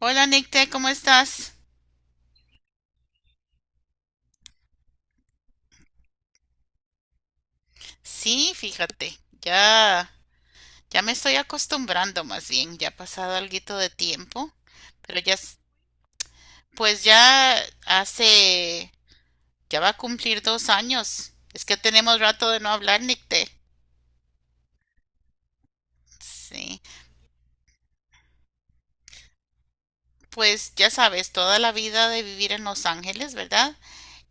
Hola Nicte, ¿cómo estás? Sí, fíjate, ya, ya me estoy acostumbrando más bien, ya ha pasado alguito de tiempo, pero ya, pues ya hace, ya va a cumplir 2 años. Es que tenemos rato de no hablar, Nicte. Sí, pues ya sabes, toda la vida de vivir en Los Ángeles, ¿verdad?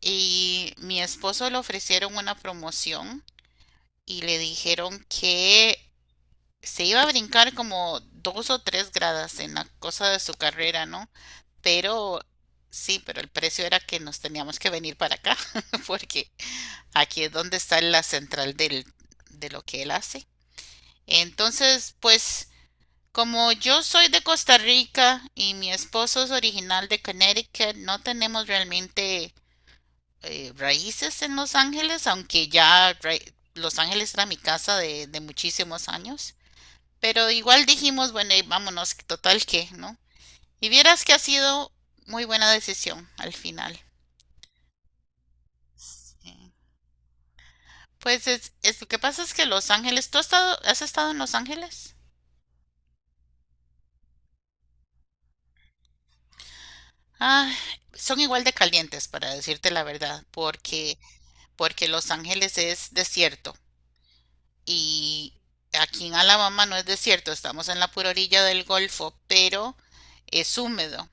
Y mi esposo le ofrecieron una promoción y le dijeron que se iba a brincar como dos o tres gradas en la cosa de su carrera, ¿no? Pero sí, pero el precio era que nos teníamos que venir para acá, porque aquí es donde está la central del, de lo que él hace. Entonces, pues, como yo soy de Costa Rica y mi esposo es original de Connecticut, no tenemos realmente raíces en Los Ángeles, aunque Los Ángeles era mi casa de muchísimos años. Pero igual dijimos, bueno, y vámonos, total que, ¿no? Y vieras que ha sido muy buena decisión al final. Sí. Pues lo que pasa es que Los Ángeles, ¿tú has estado en Los Ángeles? Ah, son igual de calientes, para decirte la verdad, porque, porque Los Ángeles es desierto y aquí en Alabama no es desierto, estamos en la pura orilla del Golfo, pero es húmedo.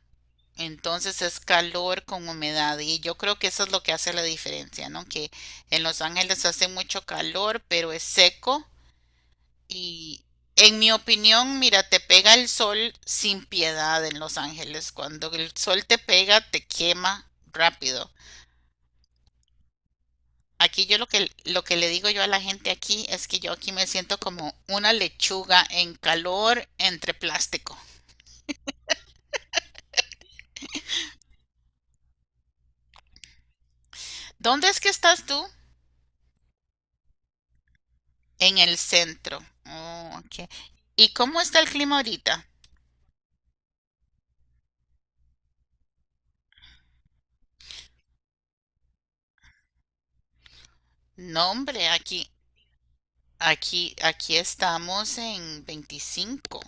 Entonces es calor con humedad y yo creo que eso es lo que hace la diferencia, ¿no? Que en Los Ángeles hace mucho calor, pero es seco y en mi opinión, mira, te pega el sol sin piedad en Los Ángeles. Cuando el sol te pega, te quema rápido. Aquí yo lo que le digo yo a la gente aquí es que yo aquí me siento como una lechuga en calor entre plástico. ¿Dónde es que estás tú? En el centro. Oh, ok. ¿Y cómo está el clima ahorita? No, hombre, aquí estamos en 25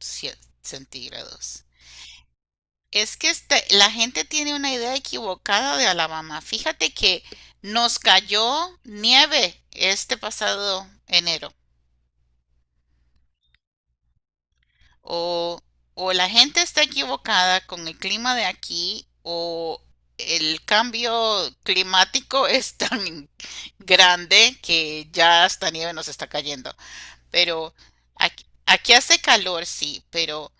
centígrados. Es que la gente tiene una idea equivocada de Alabama. Fíjate que nos cayó nieve este pasado enero. O, o la gente está equivocada con el clima de aquí, o el cambio climático es tan grande que ya hasta nieve nos está cayendo. Pero aquí hace calor, sí, pero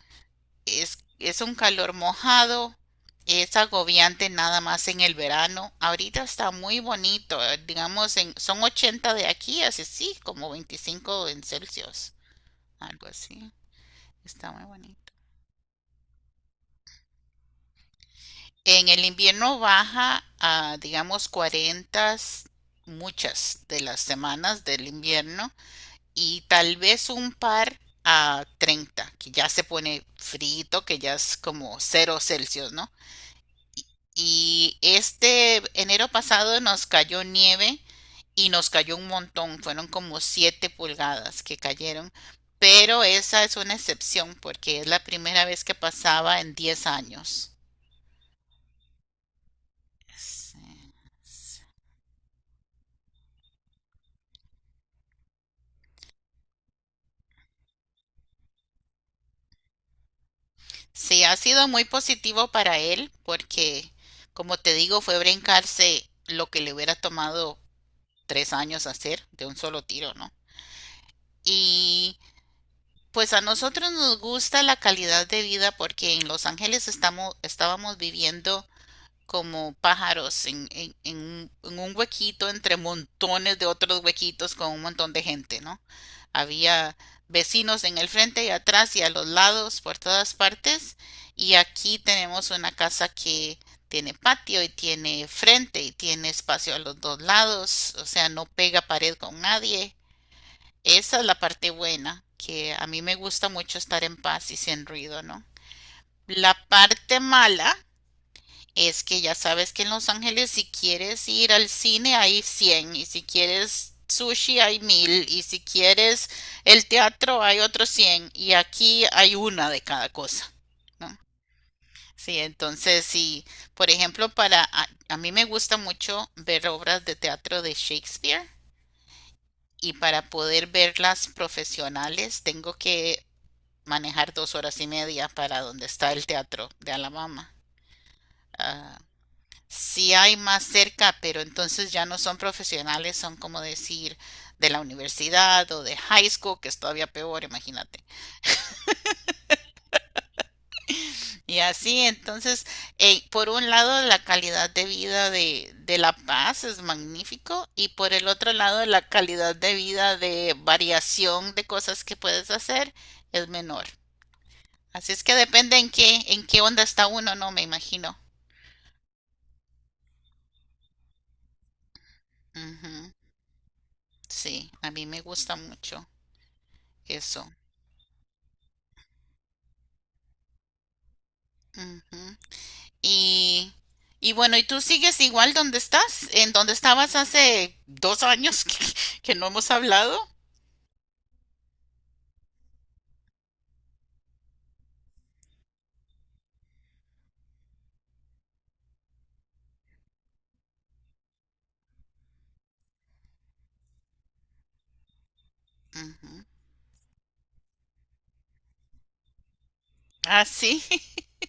es un calor mojado, es agobiante nada más en el verano. Ahorita está muy bonito, digamos, son 80 de aquí, así sí, como 25 en Celsius, algo así. Está muy bonito. En el invierno baja a, digamos, 40 muchas de las semanas del invierno y tal vez un par a 30, que ya se pone frito, que ya es como 0 Celsius, ¿no? Y este enero pasado nos cayó nieve y nos cayó un montón, fueron como 7 pulgadas que cayeron, pero esa es una excepción porque es la primera vez que pasaba en 10 años. Sí, sí, ha sido muy positivo para él porque, como te digo, fue brincarse lo que le hubiera tomado 3 años hacer de un solo tiro, ¿no? Y pues a nosotros nos gusta la calidad de vida porque en Los Ángeles estamos, estábamos viviendo como pájaros en un huequito entre montones de otros huequitos con un montón de gente, ¿no? Había vecinos en el frente y atrás y a los lados, por todas partes. Y aquí tenemos una casa que tiene patio y tiene frente y tiene espacio a los dos lados, o sea, no pega pared con nadie. Esa es la parte buena, que a mí me gusta mucho estar en paz y sin ruido, ¿no? La parte mala es que ya sabes que en Los Ángeles si quieres ir al cine hay 100 y si quieres sushi hay 1000 y si quieres el teatro hay otros 100 y aquí hay una de cada cosa, ¿no? Sí, entonces si por ejemplo, para a mí me gusta mucho ver obras de teatro de Shakespeare y para poder verlas profesionales tengo que manejar 2 horas y media para donde está el teatro de Alabama. Ah, sí hay más cerca, pero entonces ya no son profesionales, son como decir de la universidad o de high school, que es todavía peor, imagínate. Y así, entonces, por un lado, la calidad de vida de La Paz es magnífico y por el otro lado, la calidad de vida de variación de cosas que puedes hacer es menor. Así es que depende en qué onda está uno, no me imagino. Ujú, sí, a mí me gusta mucho eso. Ujú. Y, y bueno, ¿y tú sigues igual donde estás? ¿En donde estabas hace 2 años que no hemos hablado? Ujú. Ah, sí.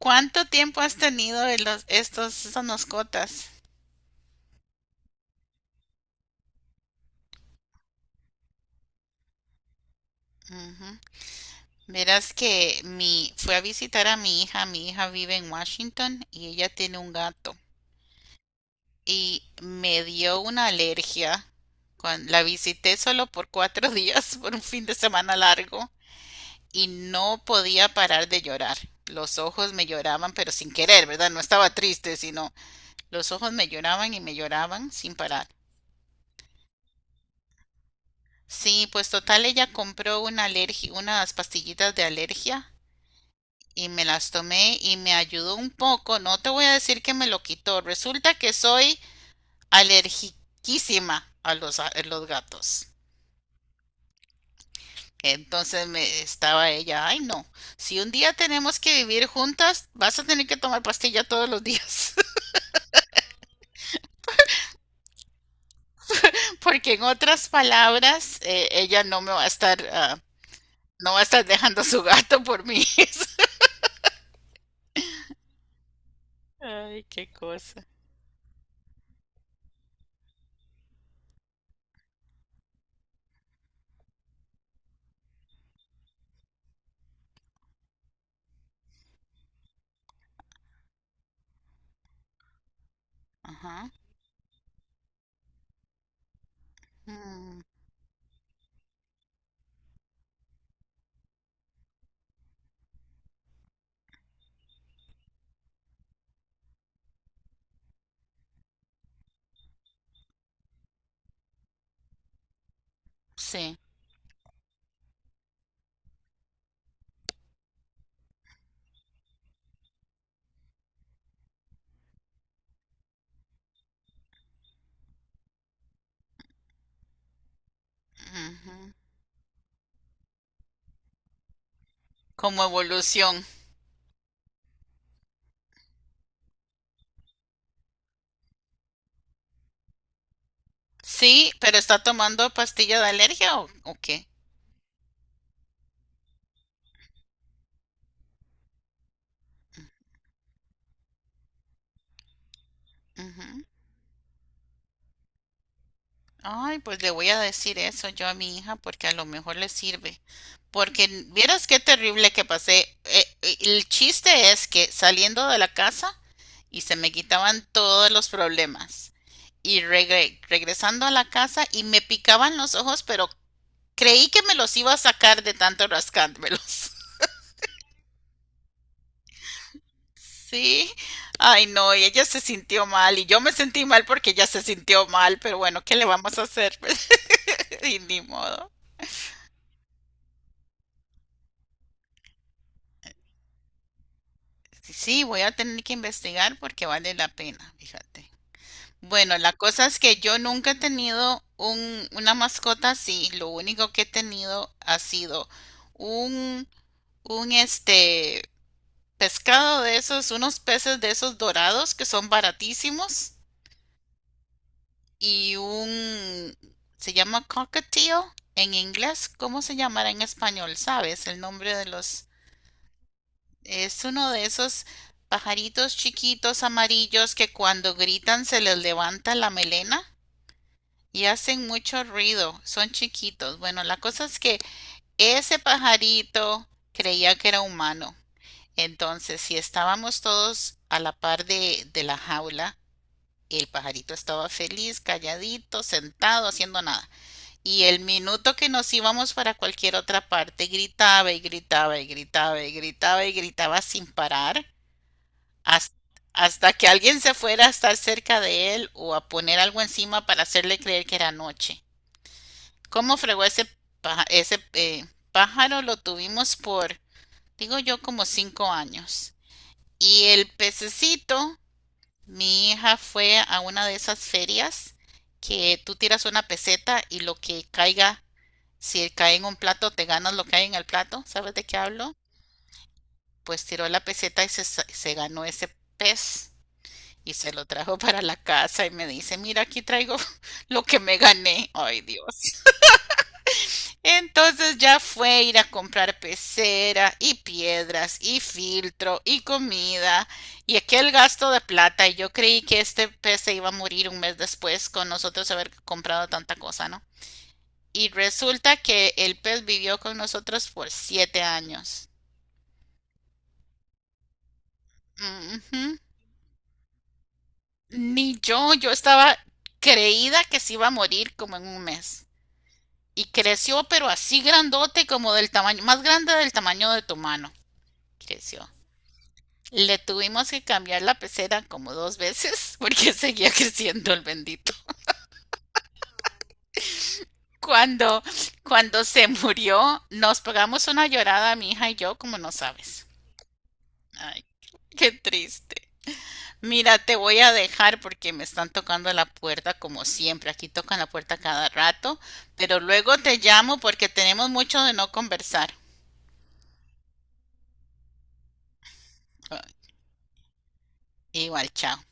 ¿Cuánto tiempo has tenido de los, estos, estas mascotas? Ujú. Verás que fui a visitar a mi hija. Mi hija vive en Washington y ella tiene un gato. Y me dio una alergia. Cuando la visité solo por 4 días, por un fin de semana largo, y no podía parar de llorar. Los ojos me lloraban, pero sin querer, ¿verdad? No estaba triste, sino los ojos me lloraban y me lloraban sin parar. Sí, pues total ella compró una alergia, unas pastillitas de alergia y me las tomé y me ayudó un poco. No te voy a decir que me lo quitó. Resulta que soy alergiquísima a los gatos. Entonces me estaba ella, ay no, si un día tenemos que vivir juntas, vas a tener que tomar pastilla todos los días. Porque en otras palabras, ella no me va a estar, no va a estar dejando su gato por mí. Ay, qué cosa. Ajá. Mm, sí. Ujú. Como evolución. Sí, ¿pero está tomando pastilla de alergia o qué? Ujú. Ay, pues le voy a decir eso yo a mi hija porque a lo mejor le sirve. Porque vieras qué terrible que pasé. El chiste es que saliendo de la casa y se me quitaban todos los problemas, y regresando a la casa y me picaban los ojos, pero creí que me los iba a sacar de tanto rascármelos. Sí. Ay, no, y ella se sintió mal y yo me sentí mal porque ella se sintió mal, pero bueno, ¿qué le vamos a hacer? Y ni modo. Sí, voy a tener que investigar porque vale la pena, fíjate. Bueno, la cosa es que yo nunca he tenido una mascota así. Lo único que he tenido ha sido un, un este, pescado de esos, unos peces de esos dorados que son baratísimos y se llama cockatiel en inglés, ¿cómo se llamará en español? ¿Sabes el nombre de los? Es uno de esos pajaritos chiquitos amarillos que cuando gritan se les levanta la melena y hacen mucho ruido, son chiquitos. Bueno, la cosa es que ese pajarito creía que era humano. Entonces, si estábamos todos a la par de la jaula, el pajarito estaba feliz, calladito, sentado, haciendo nada. Y el minuto que nos íbamos para cualquier otra parte, gritaba y gritaba y gritaba y gritaba y gritaba sin parar hasta, hasta que alguien se fuera a estar cerca de él o a poner algo encima para hacerle creer que era noche. ¿Cómo fregó ese, paja- ese eh, pájaro? Lo tuvimos por, digo yo, como 5 años. Y el pececito. Mi hija fue a una de esas ferias que tú tiras una peseta y lo que caiga, si cae en un plato, te ganas lo que hay en el plato. ¿Sabes de qué hablo? Pues tiró la peseta y se ganó ese pez y se lo trajo para la casa y me dice, mira, aquí traigo lo que me gané. Ay, Dios. Entonces ya fue ir a comprar pecera y piedras y filtro y comida y aquel gasto de plata. Y yo creí que este pez se iba a morir un mes después con nosotros haber comprado tanta cosa, ¿no? Y resulta que el pez vivió con nosotros por 7 años. Ujú. Ni yo estaba creída que se iba a morir como en un mes. Y creció, pero así grandote como del tamaño, más grande del tamaño de tu mano. Creció. Le tuvimos que cambiar la pecera como 2 veces porque seguía creciendo el bendito. Cuando, cuando se murió, nos pegamos una llorada, mi hija y yo, como no sabes. Ay, qué triste. Mira, te voy a dejar porque me están tocando la puerta como siempre. Aquí tocan la puerta cada rato, pero luego te llamo porque tenemos mucho de no conversar. Ay, igual, chao.